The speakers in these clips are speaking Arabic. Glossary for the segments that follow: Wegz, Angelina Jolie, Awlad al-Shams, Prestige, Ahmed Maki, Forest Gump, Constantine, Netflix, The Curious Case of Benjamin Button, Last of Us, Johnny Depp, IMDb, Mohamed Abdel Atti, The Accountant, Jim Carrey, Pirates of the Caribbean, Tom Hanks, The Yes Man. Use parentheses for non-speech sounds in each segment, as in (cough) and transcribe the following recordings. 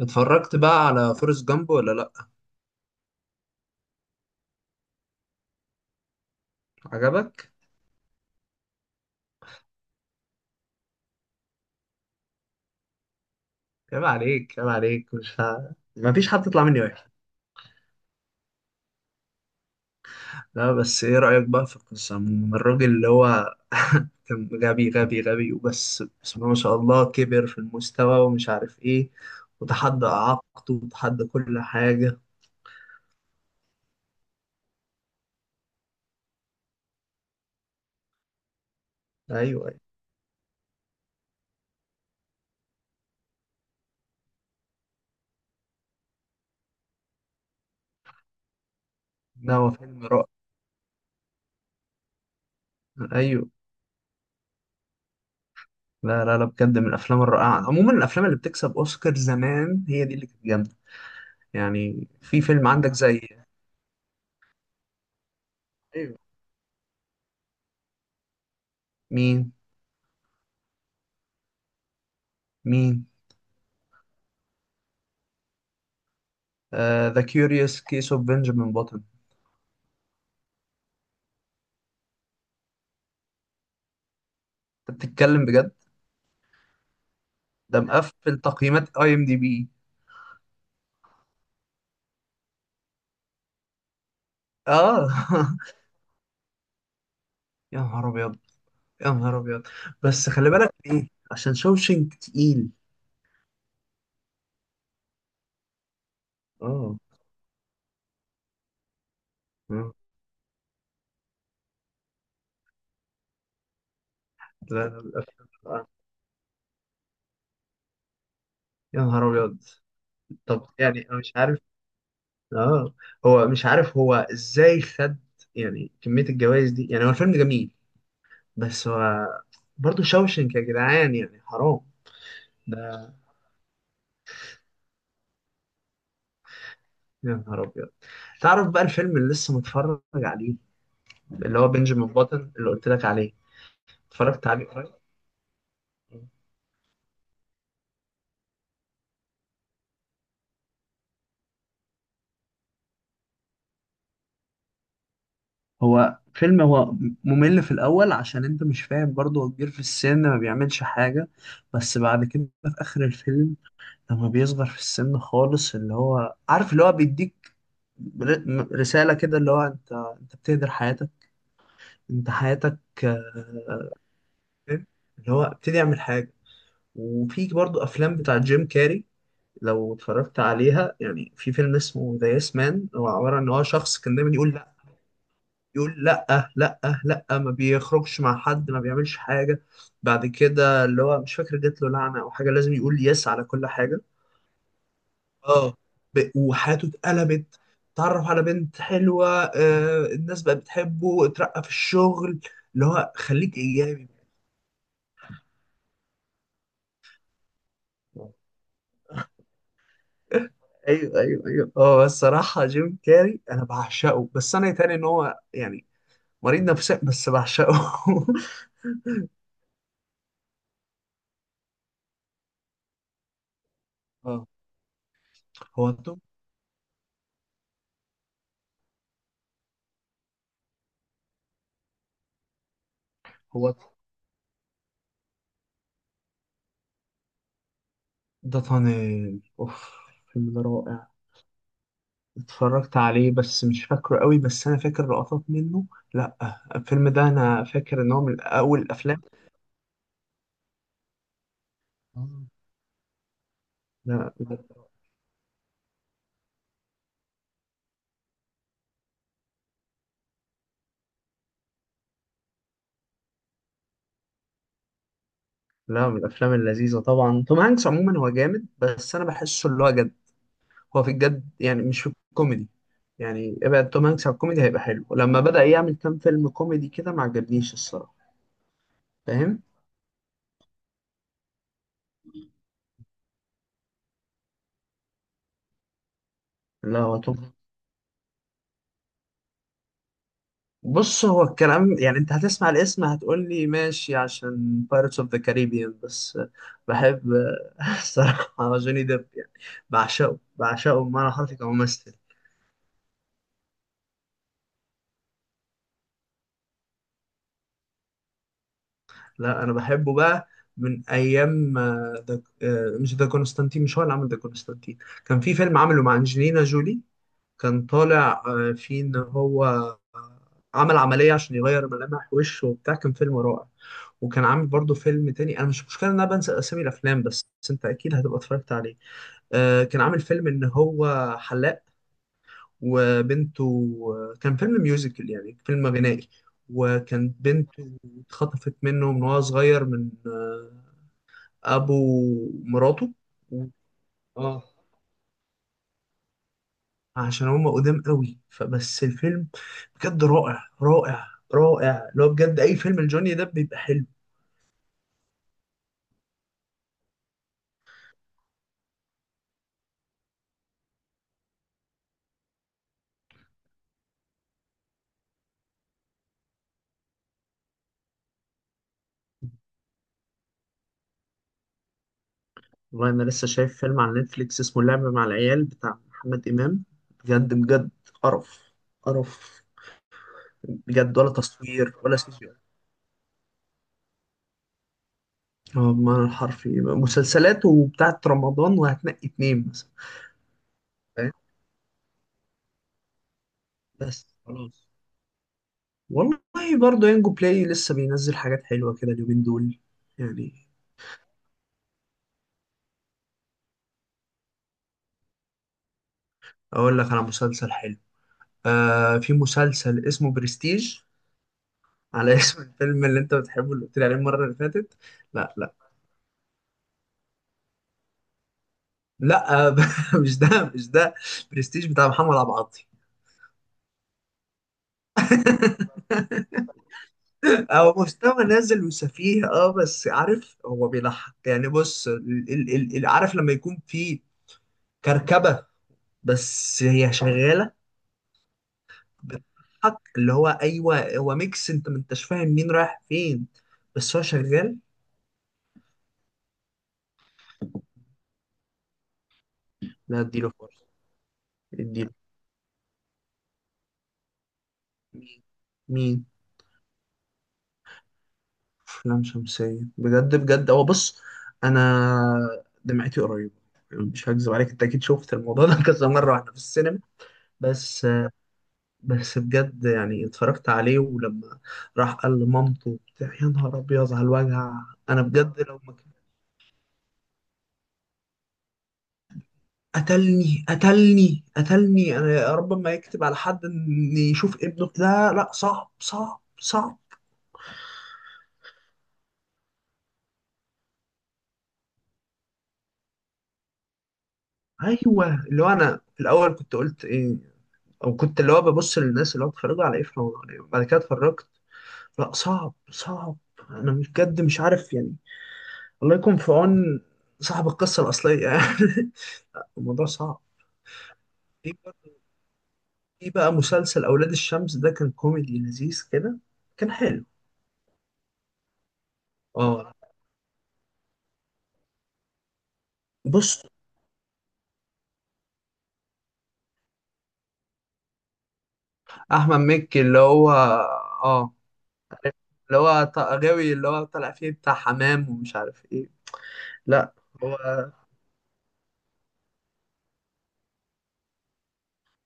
اتفرجت بقى على فورست جامب ولا لا؟ عجبك؟ عيب عليك، عيب عليك، مش ها... ما فيش حد يطلع مني وحش. لا، بس ايه رأيك بقى في القصة من الراجل اللي هو (laughs) كان غبي غبي غبي وبس، بسم الله ما شاء الله كبر في المستوى ومش عارف ايه. وتحدى إعاقته وتحدى كل حاجة. ايوه، ايوه. لا، هو فيلم رائع. ايوه. لا، لا، لا، بجد من الافلام الرائعة. عموما الافلام اللي بتكسب اوسكار زمان هي دي اللي كانت جامدة. يعني في فيلم عندك زي. ايوه. مين؟ مين؟ ذا كيوريوس كيس اوف بنجامين باتون. انت بتتكلم بجد؟ ده مقفل تقييمات IMDB. اه. (laughs) يا نهار ابيض. يا نهار ابيض. بس خلي بالك ايه؟ عشان شوشنك تقيل. اه. آه. لا، لا، آه. يا نهار ابيض. طب، يعني انا مش عارف. اه. هو مش عارف هو ازاي خد. يعني كمية الجوائز دي. يعني هو الفيلم جميل. بس هو. برضه شوشنك يا جدعان يعني حرام. يا نهار ابيض. تعرف بقى الفيلم اللي لسه متفرج عليه؟ اللي هو بنجامين باتن، اللي قلت لك عليه. اتفرجت عليه قريب. هو فيلم، هو. ممل في الأول عشان أنت مش فاهم، برضه هو كبير في السن ما بيعملش حاجة. بس بعد كده في آخر الفيلم. لما بيصغر في السن خالص اللي هو عارف، اللي هو بيديك رسالة كده، اللي هو أنت بتهدر حياتك. أنت حياتك. اللي هو ابتدي اعمل حاجة. وفي برضو أفلام بتاع جيم كاري. لو اتفرجت عليها يعني في فيلم اسمه ذا يس مان. هو عبارة عن إن هو شخص كان دايما يقول لأ. يقول لا، لا، لا، ما بيخرجش مع حد ما بيعملش حاجة. بعد كده اللي هو مش فاكر جات له لعنة أو حاجة، لازم يقول يس على كل حاجة. اه. وحياته اتقلبت. اتعرف على بنت حلوة، الناس بقت بتحبه، اترقى في الشغل. اللي هو خليك إيجابي. (laughs) ايوه، ايوه، ايوه. هو الصراحة جيم كاري أنا بعشقه، بس أنا يتهيألي إن هو يعني مريض نفسي بس بعشقه. (laughs) اه، هو توب. هو. ده طنيل اوف. الفيلم ده رائع. اتفرجت عليه بس مش فاكره قوي، بس انا فاكر لقطات منه. لا، الفيلم ده انا فاكر ان هو من اول الافلام. آه. لا، لا، من الافلام اللذيذه. طبعا توم هانكس عموما هو جامد، بس انا بحسه اللي هو جد. هو في الجد يعني، مش في الكوميدي. يعني ابعد توم هانكس عن الكوميدي هيبقى حلو. لما بدأ يعمل كام فيلم كوميدي كده ما عجبنيش الصراحه. فاهم؟ لا، هو توم. بص، هو الكلام يعني انت هتسمع الاسم هتقول لي ماشي عشان Pirates of the Caribbean، بس بحب (laughs) الصراحة جوني ديب يعني. بعشقه، بعشقه، بمعنى حرفي كممثل. لا، انا بحبه بقى. من ايام ده، مش ده كونستانتين؟ مش هو اللي عمل ده كونستانتين. كان في فيلم عمله مع انجلينا جولي. كان طالع فيه ان هو آه، عمل عملية عشان يغير ملامح وشه وبتاع. كان فيلم رائع. وكان عامل برضه فيلم تاني. انا مش مشكلة ان انا بنسى اسامي الافلام، بس انت اكيد هتبقى اتفرجت عليه. كان عامل فيلم ان هو حلاق، وبنته. كان فيلم ميوزيكال يعني فيلم غنائي. وكان بنته اتخطفت منه من وهو صغير من ابو مراته. و- اه، عشان هم قدام قوي فبس الفيلم بجد رائع، رائع، رائع. لو بجد اي فيلم لجوني ده بيبقى حلو. والله انا لسه شايف فيلم على نتفليكس اسمه اللعب مع العيال بتاع محمد امام. بجد بجد. قرف. قرف. بجد، ولا تصوير ولا CGI. اه، بمعنى الحرفي مسلسلات وبتاعت رمضان وهتنقي اتنين مثلا. فاهم؟ بس خلاص. والله. برضه ينجو بلاي لسه بينزل حاجات حلوة كده اليومين دول. يعني. اقول لك على مسلسل حلو. آه، في مسلسل اسمه برستيج. على (laughs) اسم الفيلم اللي انت بتحبه اللي قلت لي عليه المره اللي فاتت. لا، لا. لا، آه، (laughs) مش ده، مش ده. برستيج بتاع محمد عبد العاطي. (laughs) هو مستوى نازل وسفيه، اه بس عارف هو بيضحك يعني. بص، عارف لما يكون في كركبة، بس هي شغالة بتضحك. اللي هو ايوه، هو ميكس انت ما انتش فاهم مين رايح فين، بس هو شغال. لا، اديله فرصة. اديله. مين؟ أفلام شمسية. بجد بجد هو. بص، أنا دمعتي قريبة. يعني مش هكذب عليك، أنت أكيد شفت الموضوع ده (laughs) كذا مرة وإحنا في السينما. بس. بس بجد يعني اتفرجت عليه، ولما راح قال لمامته وبتاع، يا نهار أبيض على الوجع. أنا بجد لو ما قتلني، قتلني، قتلني. أنا يا رب ما يكتب على حد إن يشوف ابنه. لا، لا، صعب، صعب، صعب. أيوه، اللي هو أنا في الأول كنت قلت إيه، وكنت اللي هو ببص للناس اللي هو اتخرجوا على ايه في رمضان يعني. بعد كده اتفرجت. لا، صعب، صعب. انا بجد مش عارف يعني. الله يكون في عون صاحب القصة الأصلية يعني. (laughs) الموضوع صعب. في برضه- في بقى مسلسل أولاد الشمس، ده كان كوميدي لذيذ كده. كان حلو. اه، بص. أحمد مكي اللي هو اه، اللي هو غاوي، اللي هو طالع فيه بتاع حمام ومش عارف ايه. لا. هو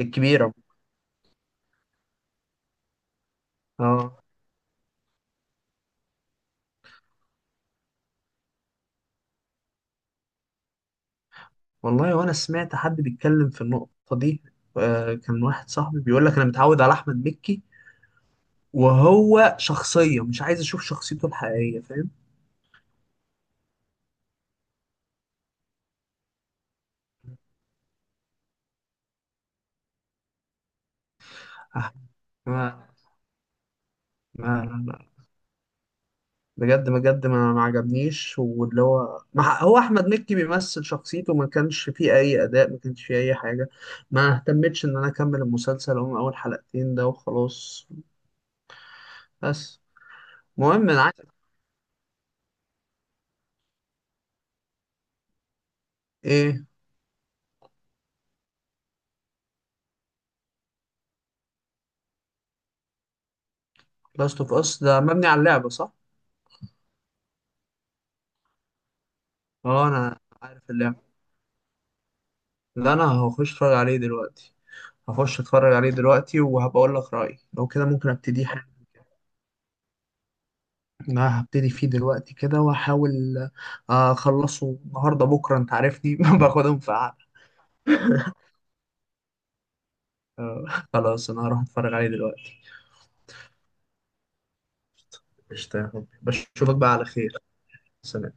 الكبيرة. اه. والله وانا سمعت حد بيتكلم في النقطة دي. كان واحد صاحبي بيقول لك انا متعود على احمد مكي، وهو شخصية مش عايز اشوف شخصيته الحقيقية. فاهم؟ آه، ما ما ما- بجد بجد، ما عجبنيش، واللي هو ما ح- هو احمد مكي بيمثل شخصيته. ما كانش فيه اي اداء، ما كانش فيه اي حاجة. ما اهتمتش ان انا اكمل المسلسل، هم اول حلقتين ده وخلاص. بس. المهم انا عايز ايه؟ لاست اوف اس ده مبني على اللعبة صح؟ اه، انا عارف اللعبة. لا، انا هخش اتفرج عليه دلوقتي. هخش اتفرج عليه دلوقتي وهبقى اقول لك رأيي. لو كده ممكن ابتدي حاجة. انا هبتدي فيه دلوقتي كده واحاول. اخلصه النهارده بكره. انت عارفني (laughs) باخدهم في قعده. آه، خلاص انا هروح اتفرج عليه دلوقتي. قشطة يا حبيبي، بشوفك بقى على خير. سلام.